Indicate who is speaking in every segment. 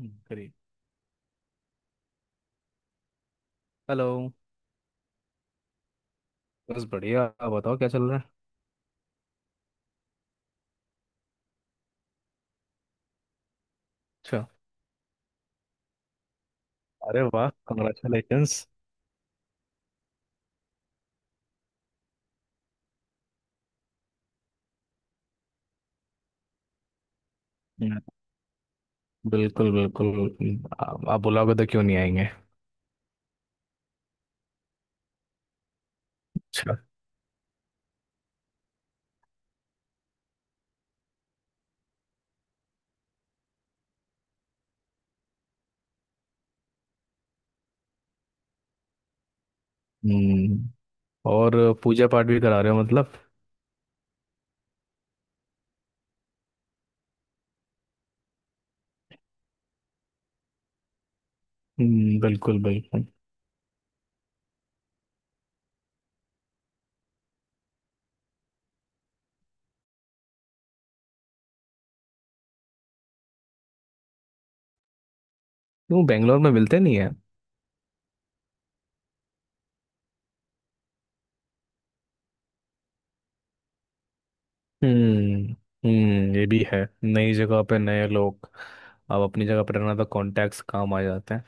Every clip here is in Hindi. Speaker 1: करिए। हेलो। बस बढ़िया। आप बताओ क्या चल रहा है। अच्छा। अरे वाह। कंग्रेचुलेशंस। हम्म, बिल्कुल बिल्कुल। आप बुलाओगे तो क्यों नहीं आएंगे। अच्छा। हम्म। और पूजा पाठ भी करा रहे हो मतलब। हम्म। बिल्कुल बिल्कुल। क्यों बेंगलोर में मिलते नहीं है। हम्म। हम्म। ये भी है नई जगह पे नए लोग। अब अपनी जगह पर रहना तो कॉन्टैक्ट्स काम आ जाते हैं।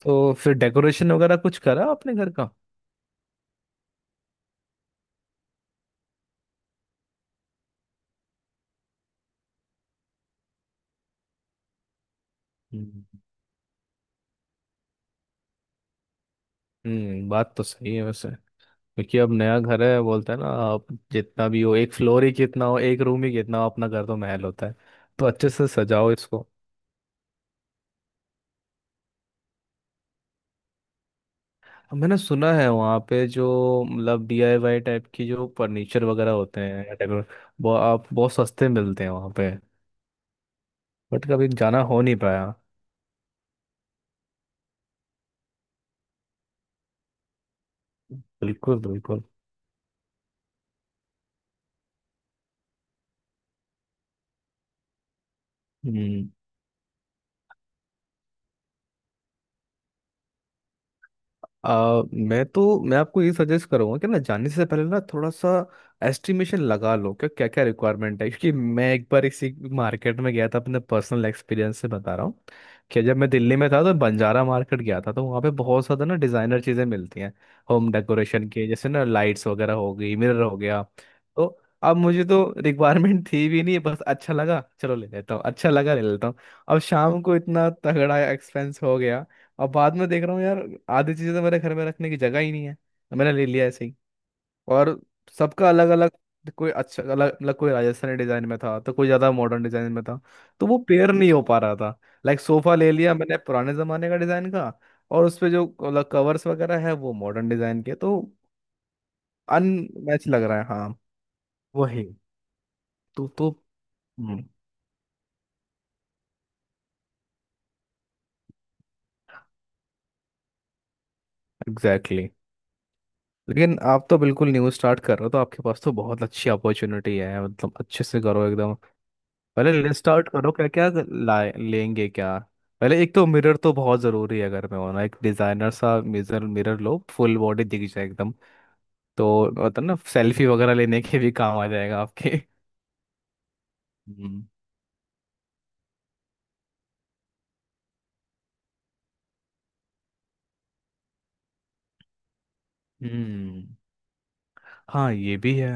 Speaker 1: तो फिर डेकोरेशन वगैरह कुछ करा आपने घर का। हम्म। बात तो सही है वैसे। क्योंकि अब नया घर है बोलते हैं ना आप। जितना भी हो, एक फ्लोर ही कितना हो, एक रूम ही कितना हो, अपना घर तो महल होता है। तो अच्छे से सजाओ इसको। मैंने सुना है वहाँ पे जो मतलब डीआईवाई टाइप की जो फर्नीचर वगैरह होते हैं या डेकोर, वो आप बहुत सस्ते मिलते हैं वहाँ पे। बट कभी जाना हो नहीं पाया। बिल्कुल बिल्कुल। हम्म। मैं आपको ये सजेस्ट करूंगा कि ना जाने से पहले ना थोड़ा सा एस्टिमेशन लगा लो कि क्या क्या रिक्वायरमेंट है, क्योंकि मैं एक बार इसी मार्केट में गया था, अपने पर्सनल एक्सपीरियंस से बता रहा हूँ कि जब मैं दिल्ली में था तो बंजारा मार्केट गया था, तो वहाँ पे बहुत ज़्यादा ना डिज़ाइनर चीज़ें मिलती हैं, होम डेकोरेशन के जैसे ना लाइट्स वगैरह हो गई, मिरर हो गया। तो अब मुझे तो रिक्वायरमेंट थी भी नहीं, बस अच्छा लगा चलो ले लेता हूँ, अच्छा लगा ले लेता हूँ। अब शाम को इतना तगड़ा एक्सपेंस हो गया। अब बाद में देख रहा हूँ यार, आधी चीजें तो मेरे घर में रखने की जगह ही नहीं है, तो मैंने ले लिया ऐसे ही। और सबका अलग अलग, कोई अच्छा अलग अलग, कोई राजस्थानी डिजाइन में था तो कोई ज्यादा मॉडर्न डिजाइन में था, तो वो पेयर नहीं हो पा रहा था। लाइक सोफा ले लिया मैंने पुराने जमाने का डिजाइन का, और उसपे जो अलग कवर्स वगैरह है वो मॉडर्न डिजाइन के, तो अनमैच लग रहा है, हाँ। वही। तो एग्जैक्टली, exactly। लेकिन आप तो बिल्कुल न्यू स्टार्ट कर रहे हो, तो आपके पास तो बहुत अच्छी अपॉर्चुनिटी है, मतलब अच्छे से करो एकदम। पहले लिस्ट आउट करो क्या क्या लाए लेंगे क्या। पहले एक तो मिरर तो बहुत ज़रूरी है, अगर मैं होना, एक डिज़ाइनर सा मिरर मिरर लो फुल बॉडी दिख जाए एकदम। तो होता है ना, सेल्फी वगैरह लेने के भी काम आ जाएगा आपके। हम्म। हम्म, हाँ ये भी है।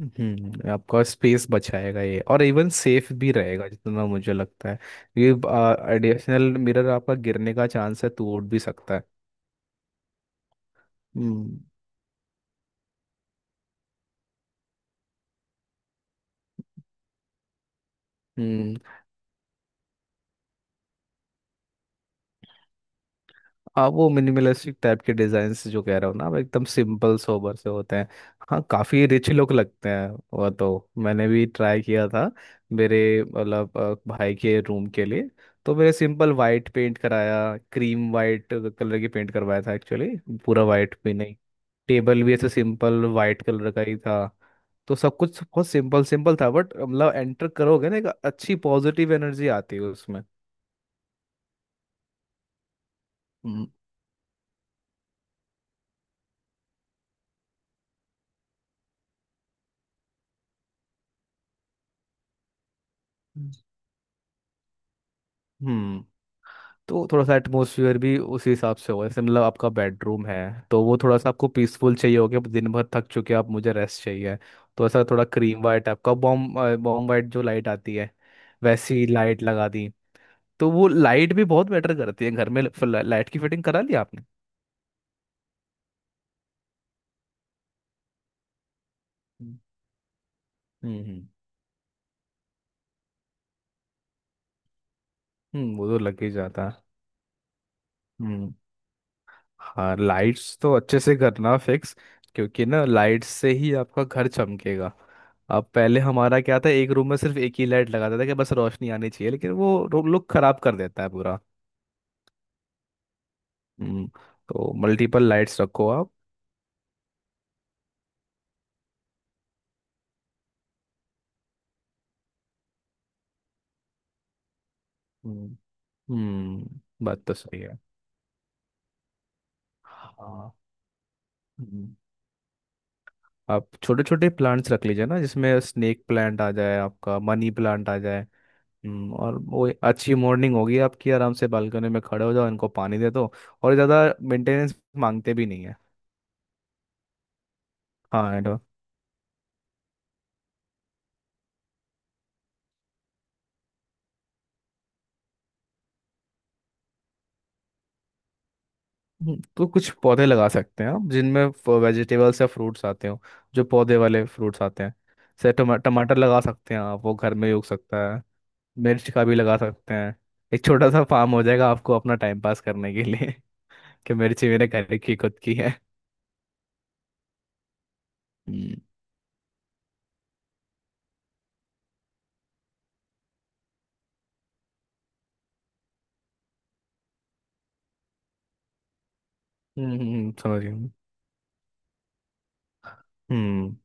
Speaker 1: आपका स्पेस बचाएगा ये, और इवन सेफ भी रहेगा जितना मुझे लगता है। ये एडिशनल मिरर आपका गिरने का चांस है, टूट भी सकता है। हम्म। हाँ वो मिनिमलिस्टिक टाइप के डिजाइन जो कह रहा हूँ ना, वो एकदम सिंपल सोबर से होते हैं। हाँ काफी रिच लुक लगते हैं, वो तो मैंने भी ट्राई किया था मेरे, मतलब भाई के रूम के लिए। तो मेरे सिंपल वाइट पेंट कराया, क्रीम वाइट कलर की पेंट करवाया था एक्चुअली। पूरा वाइट भी नहीं। टेबल भी ऐसे सिंपल वाइट कलर का ही था। तो सब कुछ बहुत सिंपल सिंपल था, बट मतलब एंटर करोगे ना, एक अच्छी पॉजिटिव एनर्जी आती है उसमें। हम्म। हम्म। तो थोड़ा सा एटमोसफियर भी उसी हिसाब से होगा, जैसे मतलब आपका बेडरूम है तो वो थोड़ा सा आपको पीसफुल चाहिए होगा, दिन भर थक चुके हैं आप, मुझे रेस्ट चाहिए। तो ऐसा थोड़ा क्रीम वाइट आपका बॉम वाइट, जो लाइट आती है वैसी लाइट लगा दी, तो वो लाइट भी बहुत मैटर करती है घर में। लाइट की फिटिंग करा ली आपने। हम्म। हम्म। वो तो लग ही जाता है। हम्म। हाँ लाइट्स तो अच्छे से करना फिक्स, क्योंकि ना लाइट्स से ही आपका घर चमकेगा। अब पहले हमारा क्या था, एक रूम में सिर्फ एक ही लाइट लगाता था कि बस रोशनी आनी चाहिए, लेकिन वो लुक खराब कर देता है पूरा। हम्म। तो मल्टीपल लाइट्स रखो आप। हम्म। हम्म, बात तो सही है। हाँ। हम्म, आप छोटे छोटे प्लांट्स रख लीजिए ना, जिसमें स्नेक प्लांट आ जाए, आपका मनी प्लांट आ जाए। और वो अच्छी मॉर्निंग होगी आपकी, आराम से बालकनी में खड़े हो जाओ, इनको पानी दे दो, और ज़्यादा मेंटेनेंस मांगते भी नहीं है। हाँ एंड तो कुछ पौधे लगा सकते हैं आप जिनमें वेजिटेबल्स या फ्रूट्स आते हो। जो पौधे वाले फ्रूट्स आते हैं, जैसे टमाटर लगा सकते हैं आप, वो घर में ही उग सकता है। मिर्च का भी लगा सकते हैं। एक छोटा सा फार्म हो जाएगा आपको अपना टाइम पास करने के लिए। कि मिर्ची मेरे घर की खुद की है। हम्म। हम्म। समझ गया। हम्म।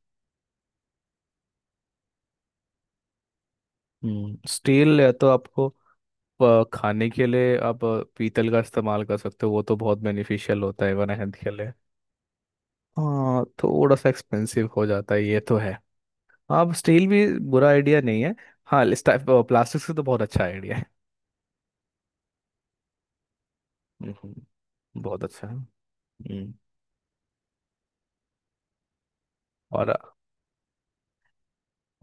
Speaker 1: स्टील, या तो आपको खाने के लिए आप पीतल का इस्तेमाल कर सकते हो, वो तो बहुत बेनिफिशियल होता है वन हेल्थ के लिए। हाँ थोड़ा सा एक्सपेंसिव हो जाता है, ये तो है। हाँ स्टील भी बुरा आइडिया नहीं है। हाँ प्लास्टिक से तो बहुत अच्छा आइडिया है। हम्म, बहुत अच्छा है। हम्म। और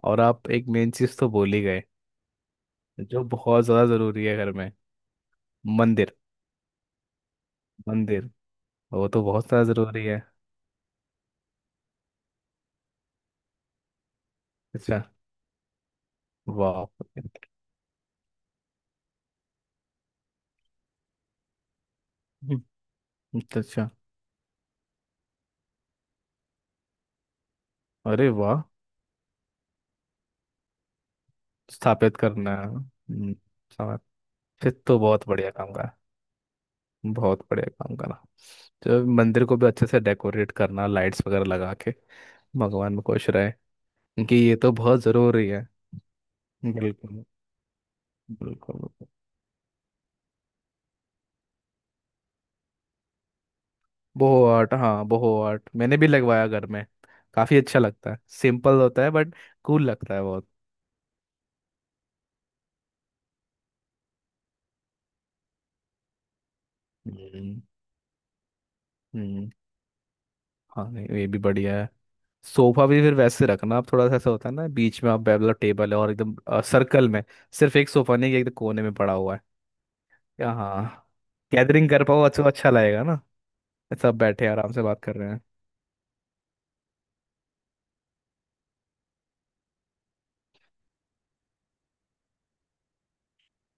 Speaker 1: और आप एक मेन चीज़ तो बोल ही गए जो बहुत ज़्यादा ज़रूरी है घर में। मंदिर। मंदिर, वो तो बहुत ज़्यादा ज़रूरी है। अच्छा। वाह। हम्म, अच्छा अच्छा। अरे वाह। स्थापित करना है, समझ। फिर तो बहुत बढ़िया काम करा, बहुत बढ़िया काम करा। तो मंदिर को भी अच्छे से डेकोरेट करना, लाइट्स वगैरह लगा के। भगवान में खुश रहे, क्योंकि ये तो बहुत जरूरी है। बिल्कुल। बिल्कुल बिल्कुल। बोहो आर्ट, हाँ, बोहो आर्ट मैंने भी लगवाया घर में। काफी अच्छा लगता है, सिंपल होता है बट कूल लगता है बहुत। हम्म। हम्म, हाँ नहीं, ये भी बढ़िया है। सोफा भी फिर वैसे रखना आप, थोड़ा सा ऐसा होता है ना, बीच में आप मतलब टेबल है और एकदम सर्कल में। सिर्फ एक सोफा नहीं कि एक कोने में पड़ा हुआ है। या हाँ गैदरिंग कर पाओ, अच्छा अच्छा लगेगा ना, सब बैठे आराम से बात कर रहे हैं।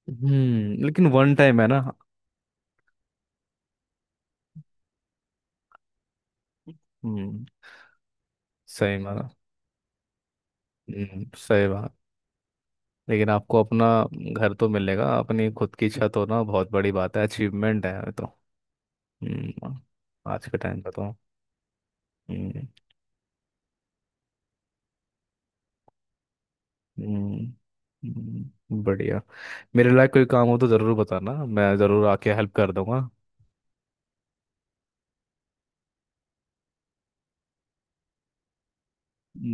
Speaker 1: लेकिन वन टाइम है ना। हम्म सही माना। सही बात। लेकिन आपको अपना घर तो मिलेगा, अपनी खुद की छत होना बहुत बड़ी बात है, अचीवमेंट है ये तो। हम्म। आज के टाइम पे तो। हम्म। हम्म। बढ़िया। मेरे लायक कोई काम हो तो ज़रूर बताना, मैं ज़रूर आके हेल्प कर दूंगा।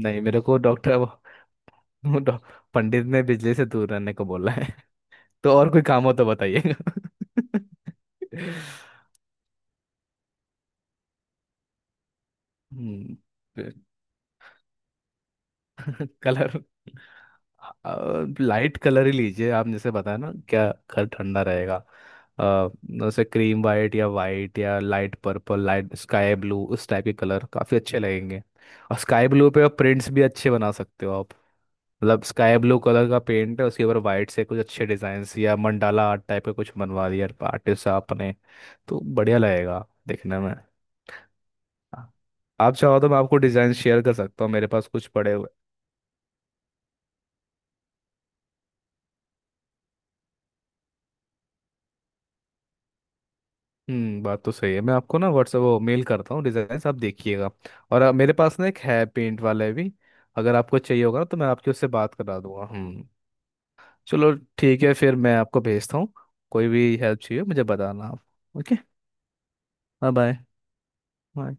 Speaker 1: नहीं मेरे को डॉक्टर वो डॉ- पंडित ने बिजली से दूर रहने को बोला, तो और कोई काम हो तो बताइएगा। हम्म, फिर कलर। लाइट कलर ही लीजिए आप, जैसे बताया ना क्या, घर ठंडा रहेगा। अ, जैसे क्रीम वाइट या light purple, light sky blue, उस टाइप के कलर काफ़ी अच्छे लगेंगे। और स्काई ब्लू पे आप प्रिंट्स भी अच्छे बना सकते हो आप। मतलब स्काई ब्लू कलर का पेंट है, उसके ऊपर वाइट से कुछ अच्छे डिजाइन्स या मंडाला आर्ट टाइप का कुछ बनवा दिया आर्टिस्ट आपने, तो बढ़िया लगेगा देखने में। हाँ। आप चाहो तो मैं आपको डिजाइन शेयर कर सकता हूँ, मेरे पास कुछ पड़े हुए। बात तो सही है, मैं आपको ना व्हाट्सएप वो मेल करता हूँ डिजाइन्स, आप देखिएगा। और मेरे पास ना एक है पेंट वाले भी, अगर आपको चाहिए होगा ना तो मैं आपकी उससे बात करा दूंगा, हम्म। चलो, ठीक है, फिर मैं आपको भेजता हूँ। कोई भी हेल्प चाहिए मुझे बताना आप, ओके। बाय। बाय।